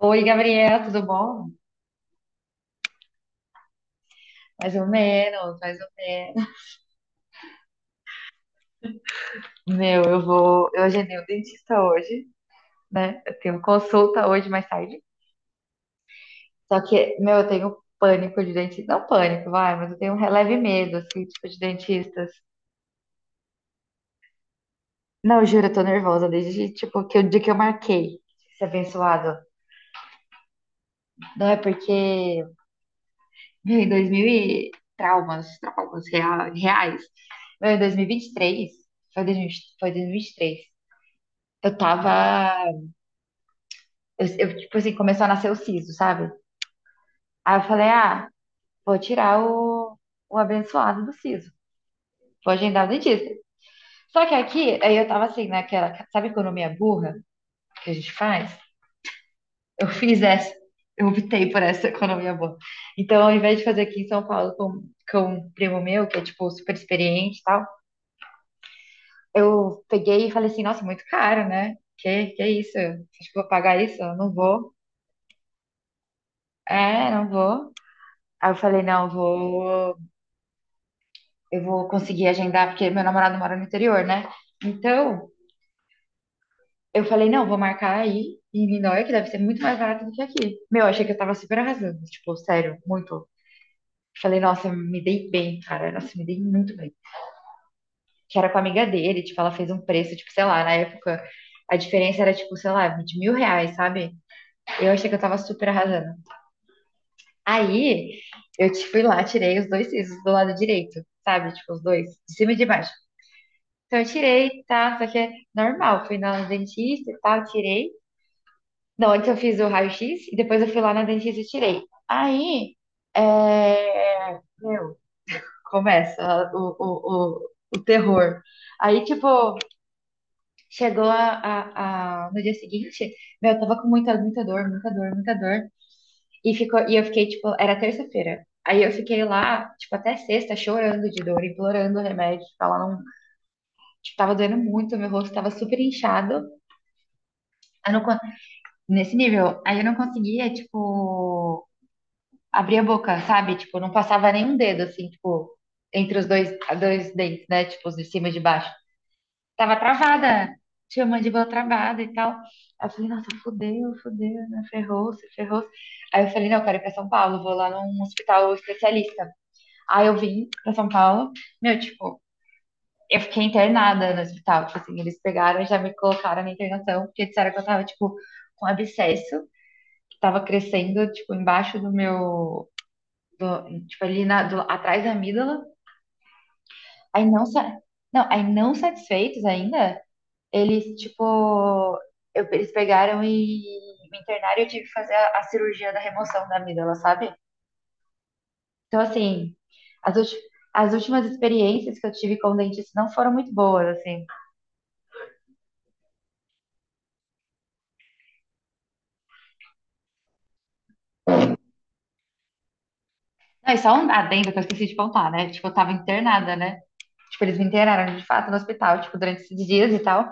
Oi, Gabriel, tudo bom? Mais ou menos, mais ou menos. Meu, eu vou. eu agendei o dentista hoje, né? Eu tenho consulta hoje mais tarde. Só que, meu, eu tenho pânico de dentista. Não pânico, vai, mas eu tenho um releve medo, assim, tipo, de dentistas. Não, eu juro, eu tô nervosa desde, tipo, que o dia que eu marquei. Esse abençoado. Não é porque, meu, em 2000 e... Traumas, reais. Meu, em 2023, foi 2023. Eu tava eu tipo assim, começou a nascer o siso, sabe? Aí eu falei, ah, vou tirar o abençoado do siso. Vou agendar o dentista. Só que aqui, aí eu tava assim, naquela, sabe, economia burra que a gente faz? Eu fiz essa, eu optei por essa economia burra. Então, ao invés de fazer aqui em São Paulo com um primo meu, que é, tipo, super experiente e tal, eu peguei e falei assim, nossa, muito caro, né? Que isso? Acho que vou pagar isso? Eu não vou. É, não vou. Aí eu falei, não, vou eu vou conseguir agendar, porque meu namorado mora no interior, né? Então, eu falei, não, vou marcar aí em Niterói, que deve ser muito mais barato do que aqui. Meu, achei que eu tava super arrasando, tipo, sério, muito. Falei, nossa, me dei bem, cara, nossa, me dei muito bem. Que era com a amiga dele, tipo, ela fez um preço, tipo, sei lá, na época, a diferença era, tipo, sei lá, de mil reais, sabe? Eu achei que eu tava super arrasando. Aí, eu te fui lá, tirei os dois sisos do lado direito, sabe? Tipo, os dois, de cima e de baixo. Então eu tirei, tá? Só que é normal. Fui na dentista e tal, tirei. Não, antes eu fiz o raio-x e depois eu fui lá na dentista e tirei. Aí, é... meu, começa o terror. Aí, tipo, chegou no dia seguinte, meu, eu tava com muita, muita dor, muita dor, muita dor. E eu fiquei, tipo, era terça-feira. Aí eu fiquei lá, tipo, até sexta, chorando de dor, implorando o remédio. Tipo, ela não, tipo, tava doendo muito, meu rosto tava super inchado. Eu não nesse nível. Aí eu não conseguia, tipo, abrir a boca, sabe? Tipo, não passava nenhum dedo, assim, tipo, entre dois dentes, né? Tipo, os de cima e de baixo. Tava travada, tinha a mandíbula travada e tal. Aí eu falei, nossa, fudeu, fudeu, né? Ferrou-se, ferrou. Aí eu falei, não, eu quero ir pra São Paulo, vou lá num hospital especialista. Aí eu vim pra São Paulo, meu, tipo, eu fiquei internada no hospital. Tipo assim, eles pegaram e já me colocaram na internação, porque disseram que eu tava, tipo, com abscesso, tava crescendo, tipo, embaixo tipo, ali atrás da amígdala. Aí não, sa- não, aí não satisfeitos ainda, eles, tipo, eles pegaram e me internaram e eu tive que fazer a cirurgia da remoção da amígdala, sabe? Então, assim, as, ulti- as últimas experiências que eu tive com dentista não foram muito boas, assim. Não, e só um adendo que eu esqueci de contar, né? Tipo, eu tava internada, né? Tipo, eles me internaram de fato no hospital, tipo, durante esses dias e tal,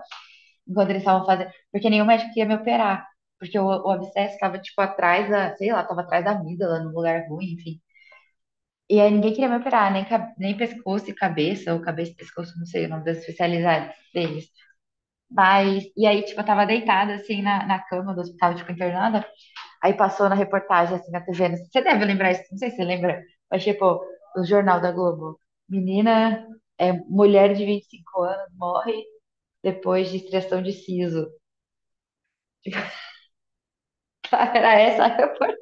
enquanto eles estavam fazendo. Porque nenhum médico queria me operar. Porque o abscesso estava, tipo, atrás da, sei lá, tava atrás da amígdala, num lugar ruim, enfim. E aí ninguém queria me operar, nem pescoço e cabeça, ou cabeça e pescoço, não sei o nome das especialidades deles. Mas, e aí, tipo, eu tava deitada, assim, na cama do hospital, tipo, internada. Aí passou na reportagem, assim, na TV. Não Você deve lembrar isso, não sei se você lembra, mas, tipo, no Jornal da Globo. Menina, é, mulher de 25 anos morre depois de extração de siso. Tipo, era essa a reportagem.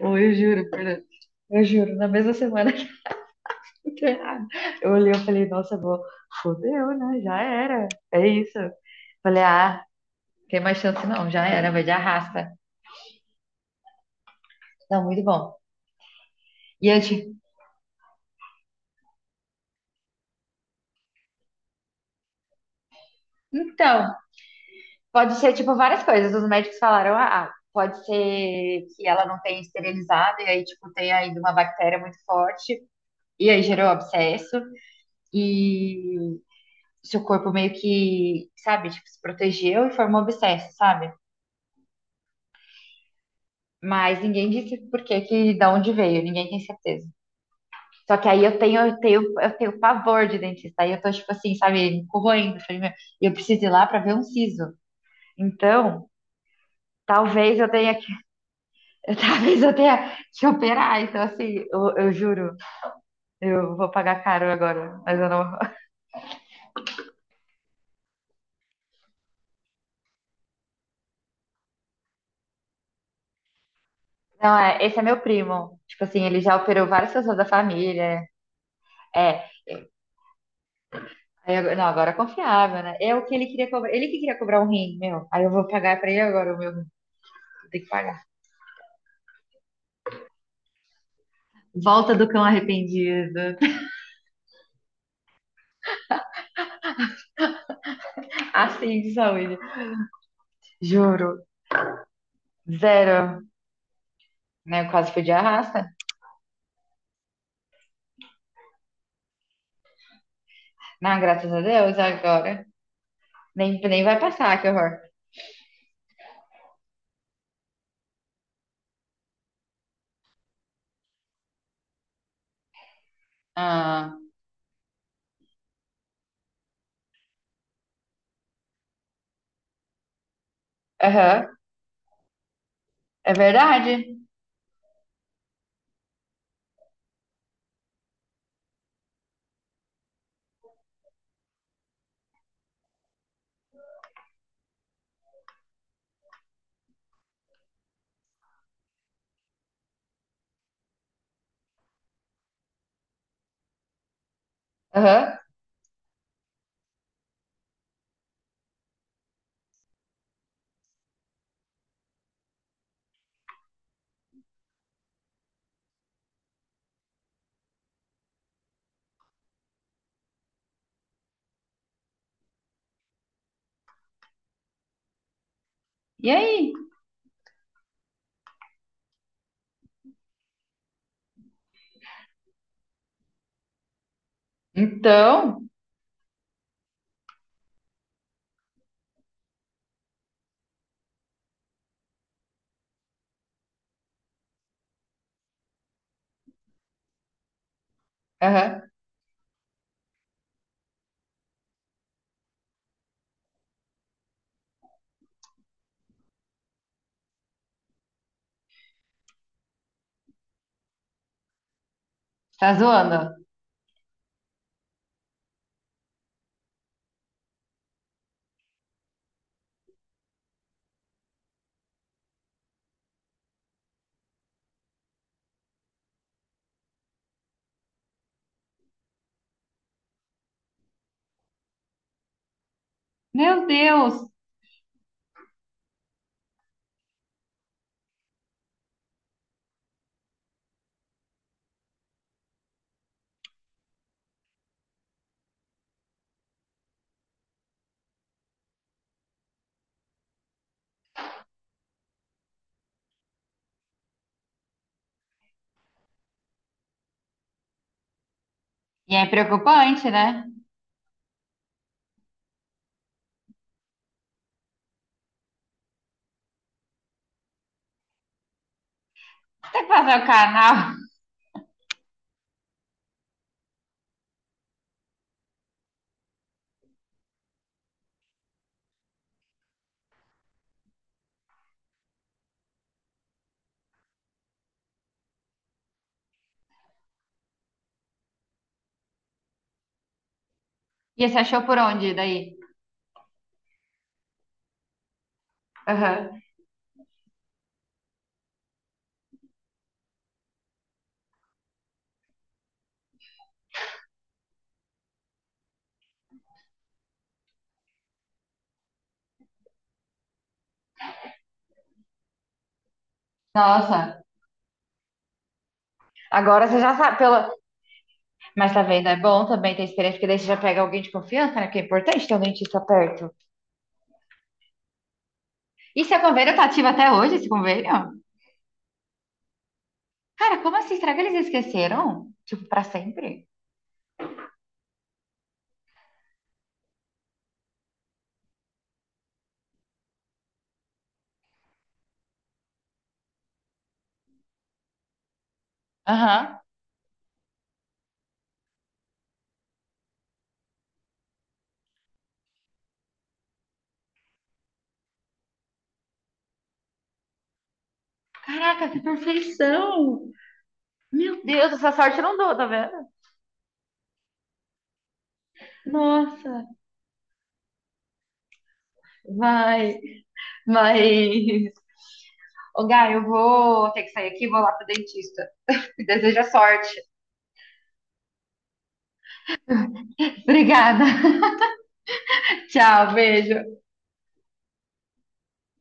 Ou eu juro, Fernanda. Eu juro, na mesma semana que eu entrei, eu olhei e falei, nossa, vou, fodeu, né? Já era. É isso. Falei, ah, tem mais chance não, já era, vai de arrasta. Não, muito bom. E eu tipo, então, pode ser tipo várias coisas. Os médicos falaram, ah, pode ser que ela não tenha esterilizado e aí, tipo, tenha ainda uma bactéria muito forte. E aí gerou abscesso. E seu corpo meio que, sabe, tipo, se protegeu e formou abscesso, sabe? Mas ninguém disse por que, que da onde veio, ninguém tem certeza. Só que aí eu tenho pavor de dentista. Aí eu tô, tipo assim, sabe, corroendo. Falei, meu, eu preciso ir lá pra ver um siso. Então, talvez eu tenha que, talvez eu tenha que operar. Então, assim, eu juro, eu vou pagar caro agora, mas eu não. Não, é, esse é meu primo. Tipo assim, ele já operou várias pessoas da família. É, aí agora- não, agora é confiável, né? É o que ele queria cobrar. Ele que queria cobrar um rim, meu. Aí eu vou pagar pra ele agora o meu rim. Eu tenho que pagar. Volta do cão arrependido. Assim de saúde. Juro. Zero. Né? Eu quase fui de arrasta. Não, graças a Deus, agora. Nem, nem vai passar, que horror. Ah, aham. É verdade. Aham. E aí? Então? Aham. Tá zoando? Meu Deus. E é preocupante, né? Tem que fazer o canal. E você achou por onde daí? Aham. Nossa, agora você já sabe pela... Mas tá vendo, é bom também ter experiência, porque daí você já pega alguém de confiança, né? Porque é importante ter um dentista perto. E seu convênio tá ativo até hoje, esse convênio? Cara, como assim? Será que eles esqueceram? Tipo, pra sempre? Aham. Caraca, que perfeição! Meu Deus, essa sorte eu não dou, tá vendo? Nossa, vai, mas... Ô, Gá, eu vou ter que sair aqui, vou lá pro dentista. Desejo a sorte. Obrigada. Tchau, beijo.